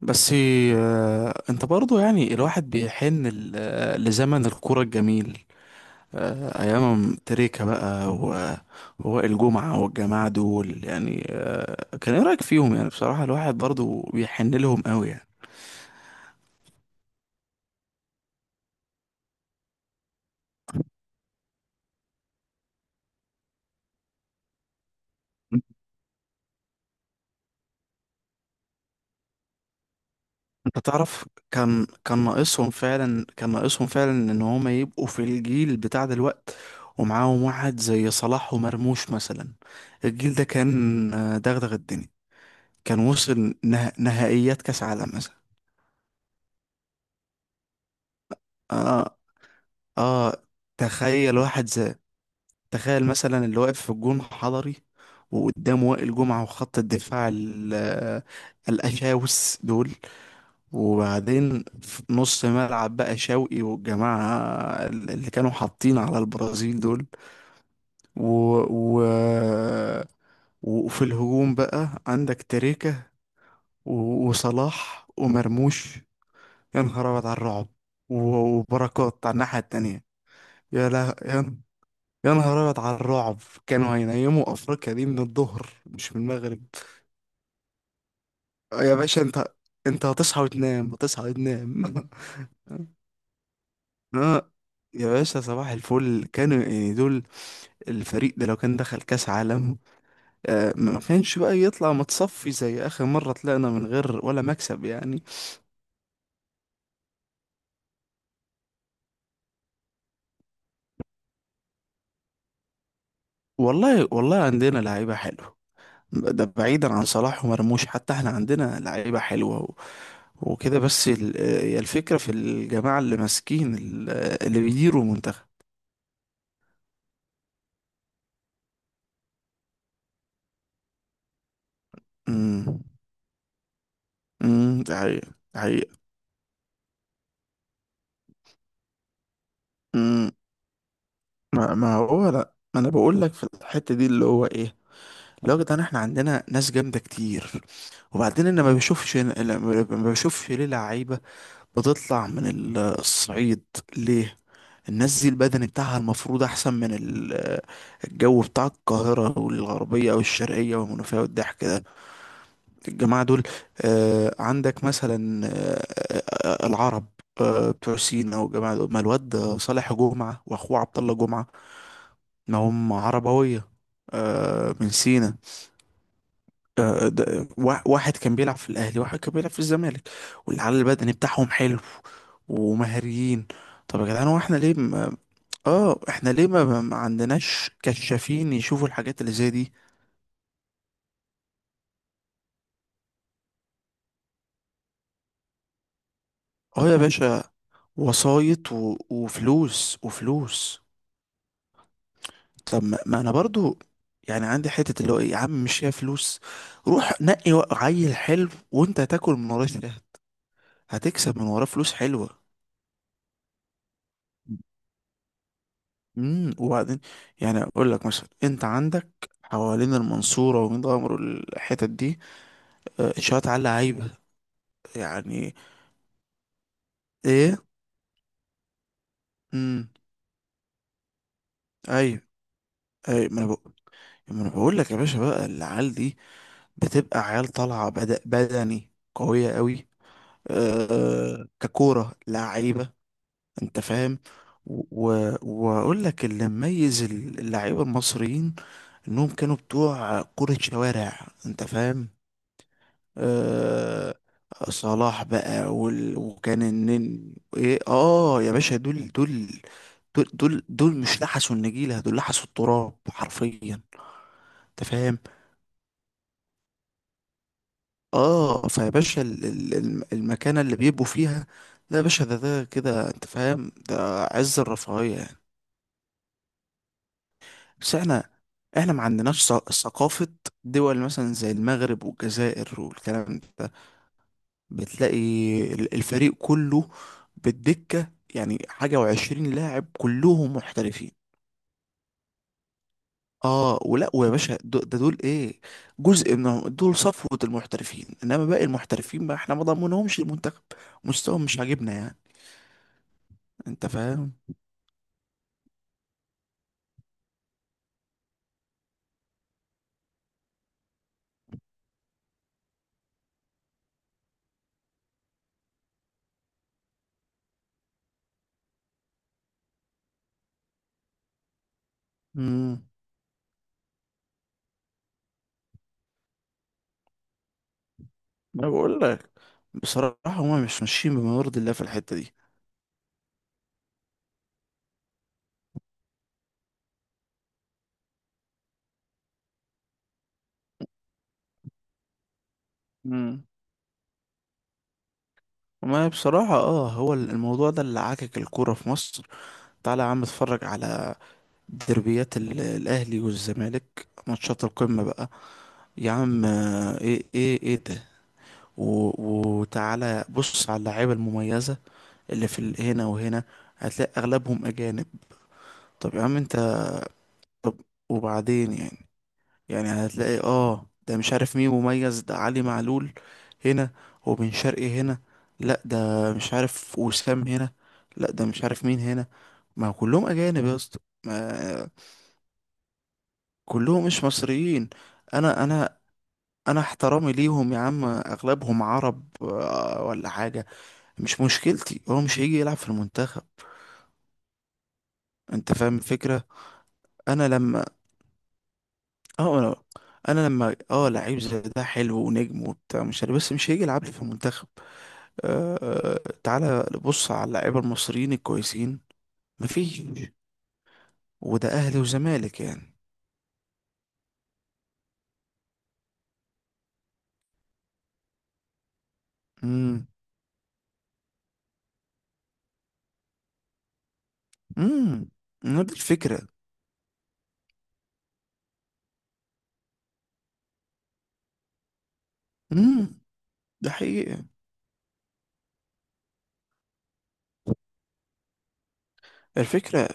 بس. آه، انت برضو يعني الواحد بيحن لزمن الكورة الجميل، ايام تريكة بقى و- ووائل جمعة والجماعة دول يعني، كان ايه رأيك فيهم يعني؟ بصراحة الواحد برضو بيحن لهم قوي يعني. انت تعرف. كان ناقصهم فعلا، كان ناقصهم فعلا ان هما يبقوا في الجيل بتاع دلوقت ومعاهم واحد زي صلاح ومرموش مثلا. الجيل ده كان دغدغ الدنيا، كان وصل نهائيات كاس عالم مثلا. اه، اه. تخيل واحد زي تخيل مثلا اللي واقف في الجون حضري، وقدامه وائل جمعة وخط الدفاع الأشاوس دول، وبعدين في نص ملعب بقى شوقي والجماعة اللي كانوا حاطين على البرازيل دول، و... و... وفي الهجوم بقى عندك تريكة و- وصلاح ومرموش. يا نهار أبيض على الرعب. و- وبركات على الناحية التانية. يا لا يا يا نهار ابيض على الرعب، كانوا هينيموا افريقيا دي من الظهر مش من المغرب. يا باشا انت هتصحى وتنام، هتصحى وتنام. اه يا باشا، صباح الفل. كانوا يعني دول، الفريق ده لو كان دخل كاس عالم ما كانش بقى يطلع متصفي زي اخر مرة طلعنا من غير ولا مكسب يعني. والله، والله عندنا لعيبة حلوة، ده بعيدا عن صلاح ومرموش. حتى احنا عندنا لعيبة حلوة و... وكده. بس هي الفكرة في الجماعة اللي ماسكين اللي بيديروا المنتخب. امم، امم. ده حقيقة، ده حقيقة. امم. ما هو، لا، ما انا بقول لك في الحتة دي اللي هو ايه، لو يا جدعان احنا عندنا ناس جامدة كتير. وبعدين انا ما بشوفش ليه لعيبة بتطلع من الصعيد؟ ليه؟ الناس دي البدني بتاعها المفروض احسن من الجو بتاع القاهرة والغربية والشرقية والمنوفية والضحك ده. الجماعة دول، عندك مثلا العرب، بتوع سينا والجماعة دول. ما الواد صالح جمعة واخوه عبد الله جمعة، ما هم عربوية، من سينا. واحد كان بيلعب في الاهلي، واحد كان بيلعب في الزمالك، والعلى البدني بتاعهم حلو ومهاريين. طب يا جدعان هو احنا ليه ما عندناش كشافين يشوفوا الحاجات اللي زي دي؟ اه يا باشا. وسايط و... وفلوس وفلوس. طب ما انا برضو يعني عندي حتة اللي هو ايه. يا عم مش هي فلوس، روح نقي عيل حلو وانت هتاكل من وراه شهد، هتكسب من وراه فلوس حلوة. وبعدين يعني اقول لك مثلا، انت عندك حوالين المنصوره وميت غمر الحتت دي، انشاءات عاليه عيبه يعني. ايه. امم. ايوه، ايوه، ما انا بقول لك يا باشا بقى العيال دي بتبقى عيال طالعه بدني قويه قوي، ككوره لعيبه. انت فاهم؟ و... واقول لك اللي مميز اللعيبه المصريين انهم كانوا بتوع كره شوارع. انت فاهم؟ آه صلاح بقى وكان النني، ايه، اه يا باشا، دول مش لحسوا النجيلة، دول لحسوا التراب حرفيا. انت فاهم؟ اه. فيا باشا المكانة اللي بيبقوا فيها، لا يا باشا، ده كده. انت فاهم؟ ده عز الرفاهية يعني. بس احنا ما عندناش ثقافة. دول مثلا زي المغرب والجزائر والكلام ده، بتلاقي الفريق كله بالدكة يعني حاجة وعشرين لاعب كلهم محترفين. اه، ولا ويا باشا دو- ده دول ايه، جزء من دول صفوة المحترفين، انما باقي المحترفين بقى احنا ما ضمنهمش المنتخب، مستواهم مش عاجبنا يعني. انت فاهم؟ امم انا بقول لك بصراحة هما مش ماشيين بما يرضي الله في الحتة دي. امم ما بصراحة، هو الموضوع ده اللي عاكك الكورة في مصر. تعالى يا عم اتفرج على دربيات الاهلي والزمالك، ماتشات القمه بقى، يا عم ايه ايه ايه ده. و- وتعالى بص على اللعيبه المميزه اللي في هنا وهنا، هتلاقي اغلبهم اجانب. طب يا عم انت، طب وبعدين يعني، يعني هتلاقي ده مش عارف مين مميز، ده علي معلول هنا، وبن شرقي هنا، لا ده مش عارف وسام هنا، لا ده مش عارف مين هنا. ما هو كلهم اجانب يا اسطى، ما- كلهم مش مصريين. انا انا انا احترامي ليهم يا عم، اغلبهم عرب ولا حاجه، مش مشكلتي، هو مش هيجي يلعب في المنتخب. انت فاهم الفكره؟ انا لما اه انا انا لما لعيب زي ده حلو ونجم وبتاع مش عارف، بس مش هيجي يلعب لي في المنتخب. آه آه، تعالى بص على اللعيبه المصريين الكويسين، مفيش. وده اهلي وزمالك يعني. امم، امم. دي الفكره. امم. ده حقيقه. الفكره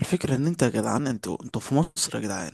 الفكره ان انت يا جدعان، انتوا في مصر يا جدعان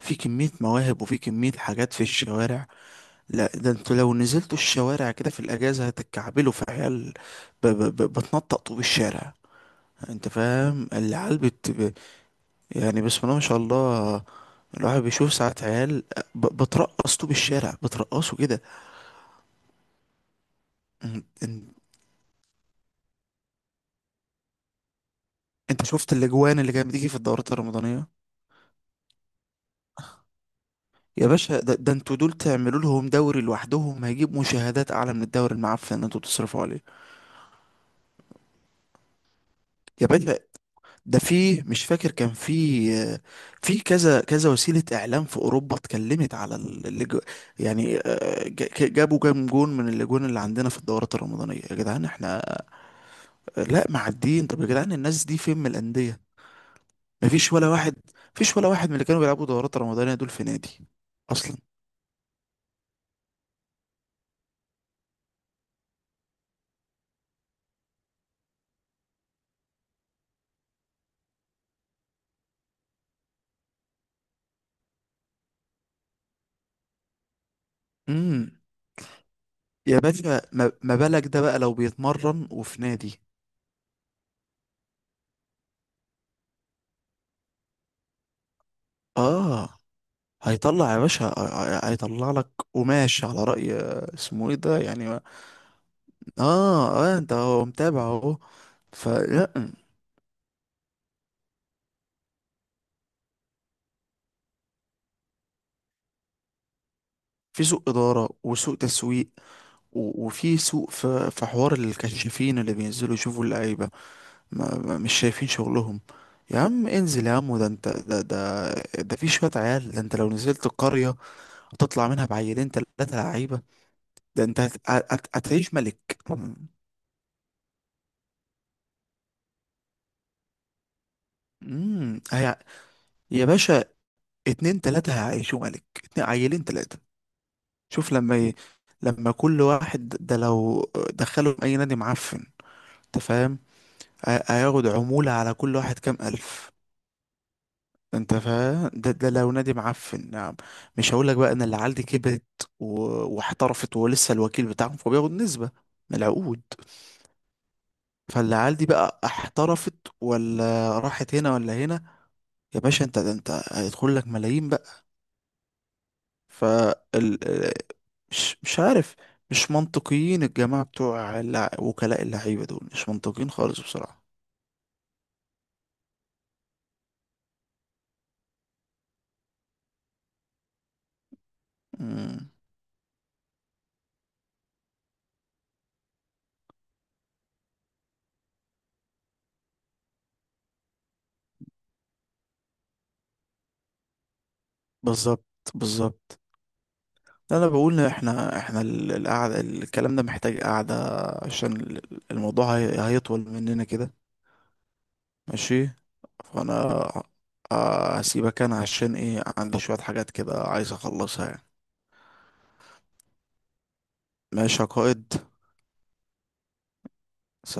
في كمية مواهب وفي كمية حاجات في الشوارع. لا ده انتوا لو نزلتوا الشوارع كده في الأجازة هتتكعبلوا في عيال بتنطط طوب الشارع. انت فاهم العيال يعني بسم الله ما شاء الله. الواحد بيشوف ساعات عيال بترقص طوب الشارع، بترقصوا كده. ان- ان- انت شفت الاجوان اللي كانت بتيجي في الدورات الرمضانية؟ يا باشا، ده انتوا دول تعملوا لهم دوري لوحدهم هيجيب مشاهدات اعلى من الدوري المعفن اللي انتوا بتصرفوا عليه. يا باشا ده، في مش فاكر، كان في كذا كذا وسيلة إعلام في أوروبا اتكلمت على يعني، جابوا كام جون من اللجون اللي عندنا في الدورات الرمضانية يا جدعان. احنا لا، معديين. طب يا جدعان الناس دي فين من الأندية؟ مفيش ولا واحد، مفيش ولا واحد من اللي كانوا بيلعبوا دورات رمضانية دول في نادي أصلا. امم يا باشا ما بالك ده بقى لو بيتمرن وفي نادي، اه هيطلع يا باشا. هيطلع لك قماش على رأي اسمه ايه ده يعني. اه، اه، انت هو متابع اهو. فلا، في سوء اداره وسوء تسويق و- وفي سوء، في حوار الكشافين اللي بينزلوا يشوفوا اللعيبه مش شايفين شغلهم. يا عم انزل يا عم، ده انت ده ده ده في شويه عيال. ده انت لو نزلت القريه هتطلع منها بعيلين ثلاثه لعيبه، ده انت هتعيش ملك. امم هي- يا باشا، اتنين تلاته هيعيشوا ملك، اتنين عيلين تلاته. شوف لما كل واحد ده لو دخلهم اي نادي معفن، انت فاهم؟ هياخد عمولة على كل واحد كام الف. انت فاهم؟ ده لو نادي معفن نعم. مش هقولك بقى ان العيال دي كبرت و... واحترفت ولسه الوكيل بتاعهم فبياخد نسبة من العقود. فالعيال دي بقى احترفت ولا راحت هنا ولا هنا، يا باشا انت ده انت هيدخل لك ملايين. فال مش عارف، مش منطقيين الجماعة بتوع وكلاء اللعيبة دول، مش منطقيين خالص بصراحة. مم. بالظبط، بالظبط. لا، انا بقول إن احنا القعده، الكلام ده محتاج قعده، عشان الموضوع هيطول مننا كده. ماشي. فانا هسيبك انا عشان ايه عندي شويه حاجات كده عايز اخلصها يعني. ماشي يا قائد. سلام.